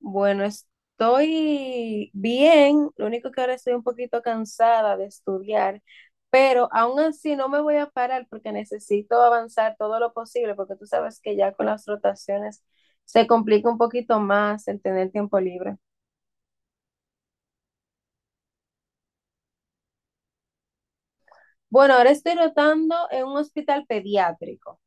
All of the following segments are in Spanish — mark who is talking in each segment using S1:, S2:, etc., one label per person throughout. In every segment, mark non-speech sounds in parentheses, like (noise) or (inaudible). S1: Bueno, estoy bien, lo único que ahora estoy un poquito cansada de estudiar, pero aún así no me voy a parar porque necesito avanzar todo lo posible, porque tú sabes que ya con las rotaciones se complica un poquito más el tener tiempo libre. Bueno, ahora estoy rotando en un hospital pediátrico.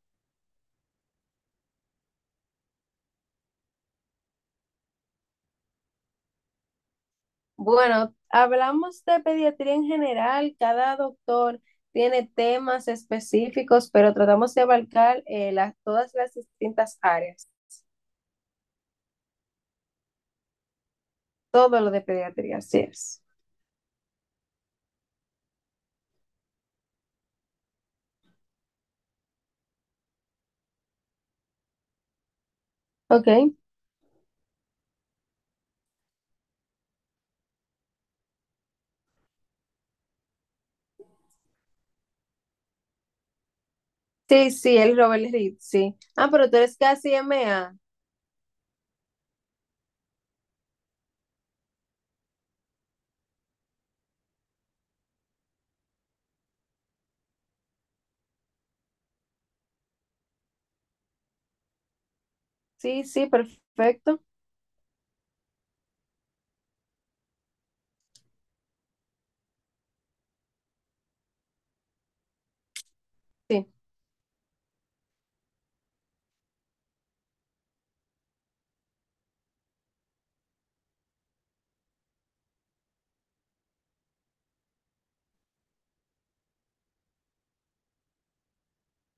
S1: Bueno, hablamos de pediatría en general, cada doctor tiene temas específicos, pero tratamos de abarcar todas las distintas áreas. Todo lo de pediatría, así es. Ok. Sí, sí, el Robert Reed, sí. Ah, pero tú eres casi MA. Sí, sí, perfecto. Sí,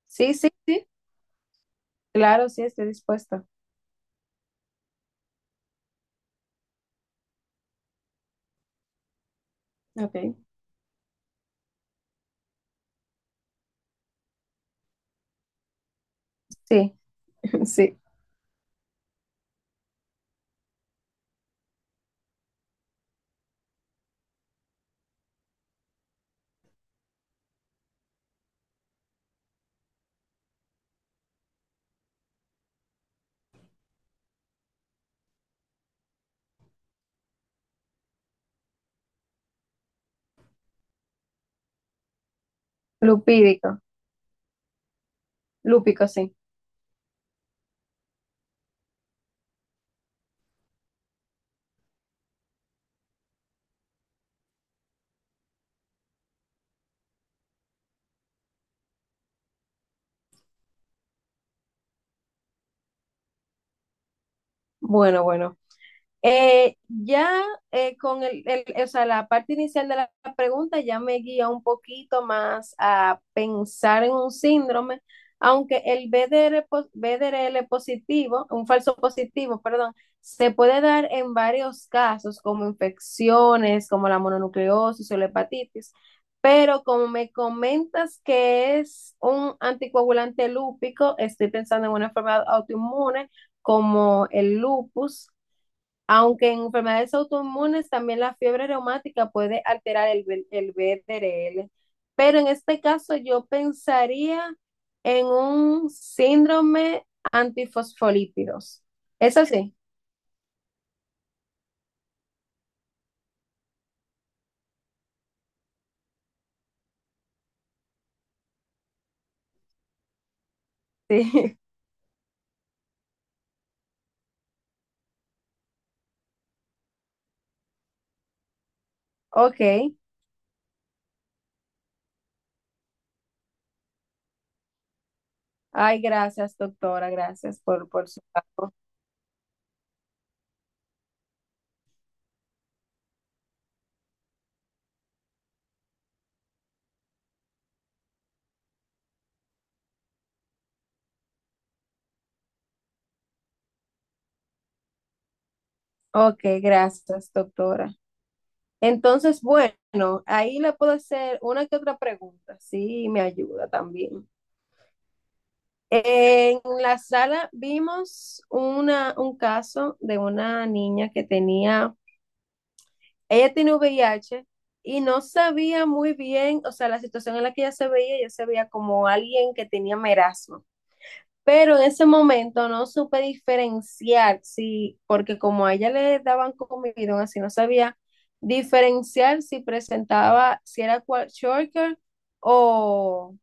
S1: sí, sí, sí. Claro, sí, estoy dispuesta. Ok. Sí, (laughs) sí. Lupídico. Lúpico, sí. Bueno, bueno. Ya, o sea, la parte inicial de la pregunta ya me guía un poquito más a pensar en un síndrome, aunque el BDRL positivo, un falso positivo, perdón, se puede dar en varios casos, como infecciones, como la mononucleosis o la hepatitis, pero como me comentas que es un anticoagulante lúpico, estoy pensando en una enfermedad autoinmune como el lupus, aunque en enfermedades autoinmunes también la fiebre reumática puede alterar el BDRL, pero en este caso yo pensaría en un síndrome antifosfolípidos. Eso sí, sí, (laughs) ok. Ay, gracias, doctora, gracias por su trabajo. Ok, gracias, doctora. Entonces, bueno, ahí le puedo hacer una que otra pregunta, sí, me ayuda también. En la sala vimos un caso de una niña que tenía, ella tiene VIH, y no sabía muy bien, o sea, la situación en la que ella se veía como alguien que tenía merasmo. Pero en ese momento no supe diferenciar, sí, porque como a ella le daban comidón, así no sabía diferenciar si presentaba, si era Shorter o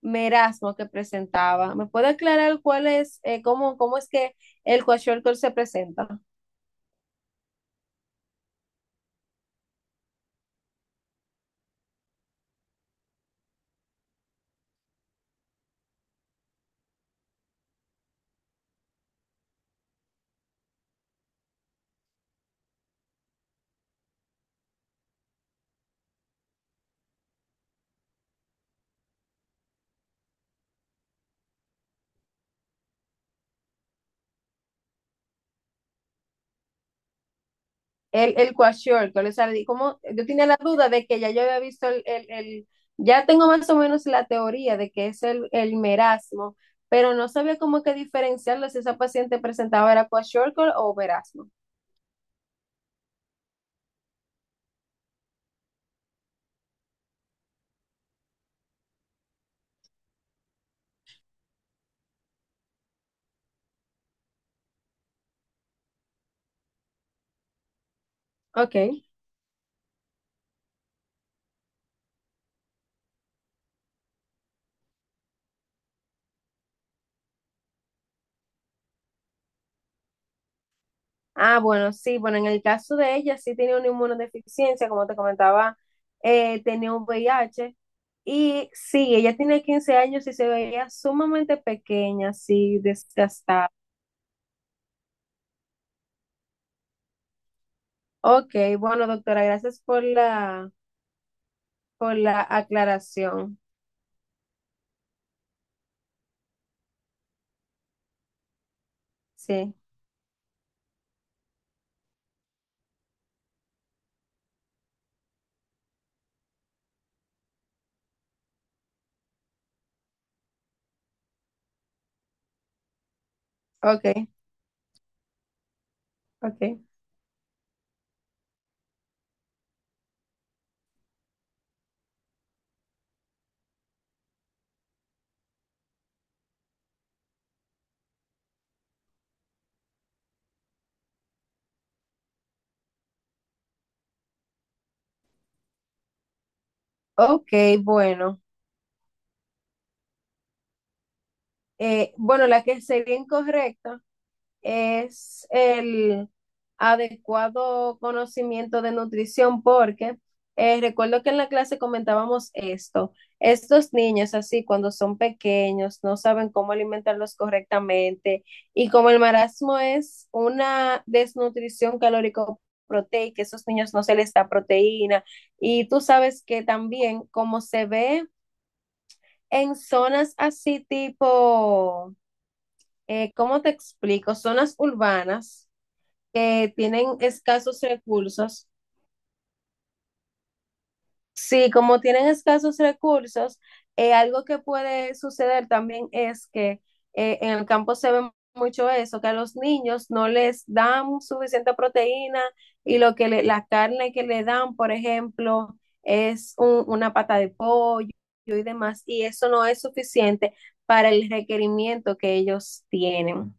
S1: Merasmo que presentaba. ¿Me puede aclarar cuál es, cómo es que el Kwashiorkor se presenta? El Kwashiorkor, o sea, ¿cómo? Yo tenía la duda de que ya yo había visto ya tengo más o menos la teoría de que es el merasmo, pero no sabía cómo que diferenciarlo si esa paciente presentaba era Kwashiorkor o merasmo. Ok. Ah, bueno, sí, bueno, en el caso de ella sí tenía una inmunodeficiencia, como te comentaba, tenía un VIH. Y sí, ella tenía 15 años y se veía sumamente pequeña, así desgastada. Ok, bueno, doctora, gracias por la aclaración. Sí, ok, ok. Ok, bueno. Bueno, la que sería incorrecta es el adecuado conocimiento de nutrición porque recuerdo que en la clase comentábamos esto. Estos niños así cuando son pequeños no saben cómo alimentarlos correctamente y como el marasmo es una desnutrición calórico proteica, esos niños no se les da proteína, y tú sabes que también como se ve en zonas así tipo, ¿cómo te explico? Zonas urbanas que tienen escasos recursos. Sí, como tienen escasos recursos, algo que puede suceder también es que en el campo se ve mucho eso, que a los niños no les dan suficiente proteína y la carne que le dan, por ejemplo, es una pata de pollo y demás, y eso no es suficiente para el requerimiento que ellos tienen.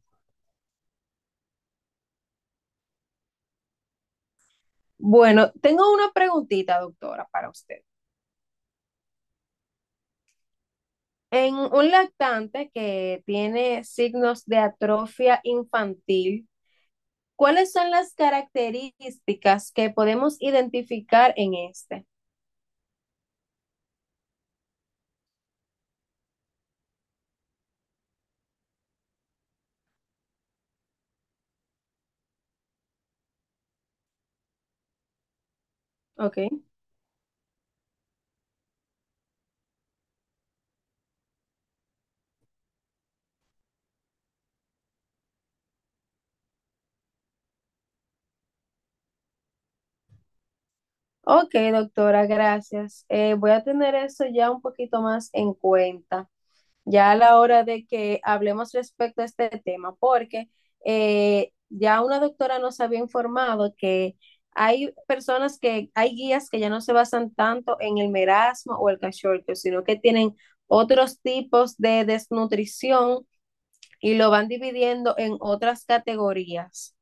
S1: Bueno, tengo una preguntita, doctora, para usted. En un lactante que tiene signos de atrofia infantil, ¿cuáles son las características que podemos identificar en este? Ok, ok, doctora, gracias. Voy a tener eso ya un poquito más en cuenta, ya a la hora de que hablemos respecto a este tema, porque ya una doctora nos había informado que hay personas que, hay guías que ya no se basan tanto en el merasmo o el cachorro, sino que tienen otros tipos de desnutrición y lo van dividiendo en otras categorías.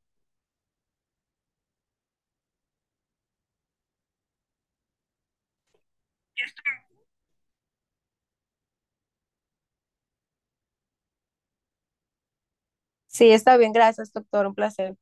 S1: Sí, está bien, gracias, doctor, un placer.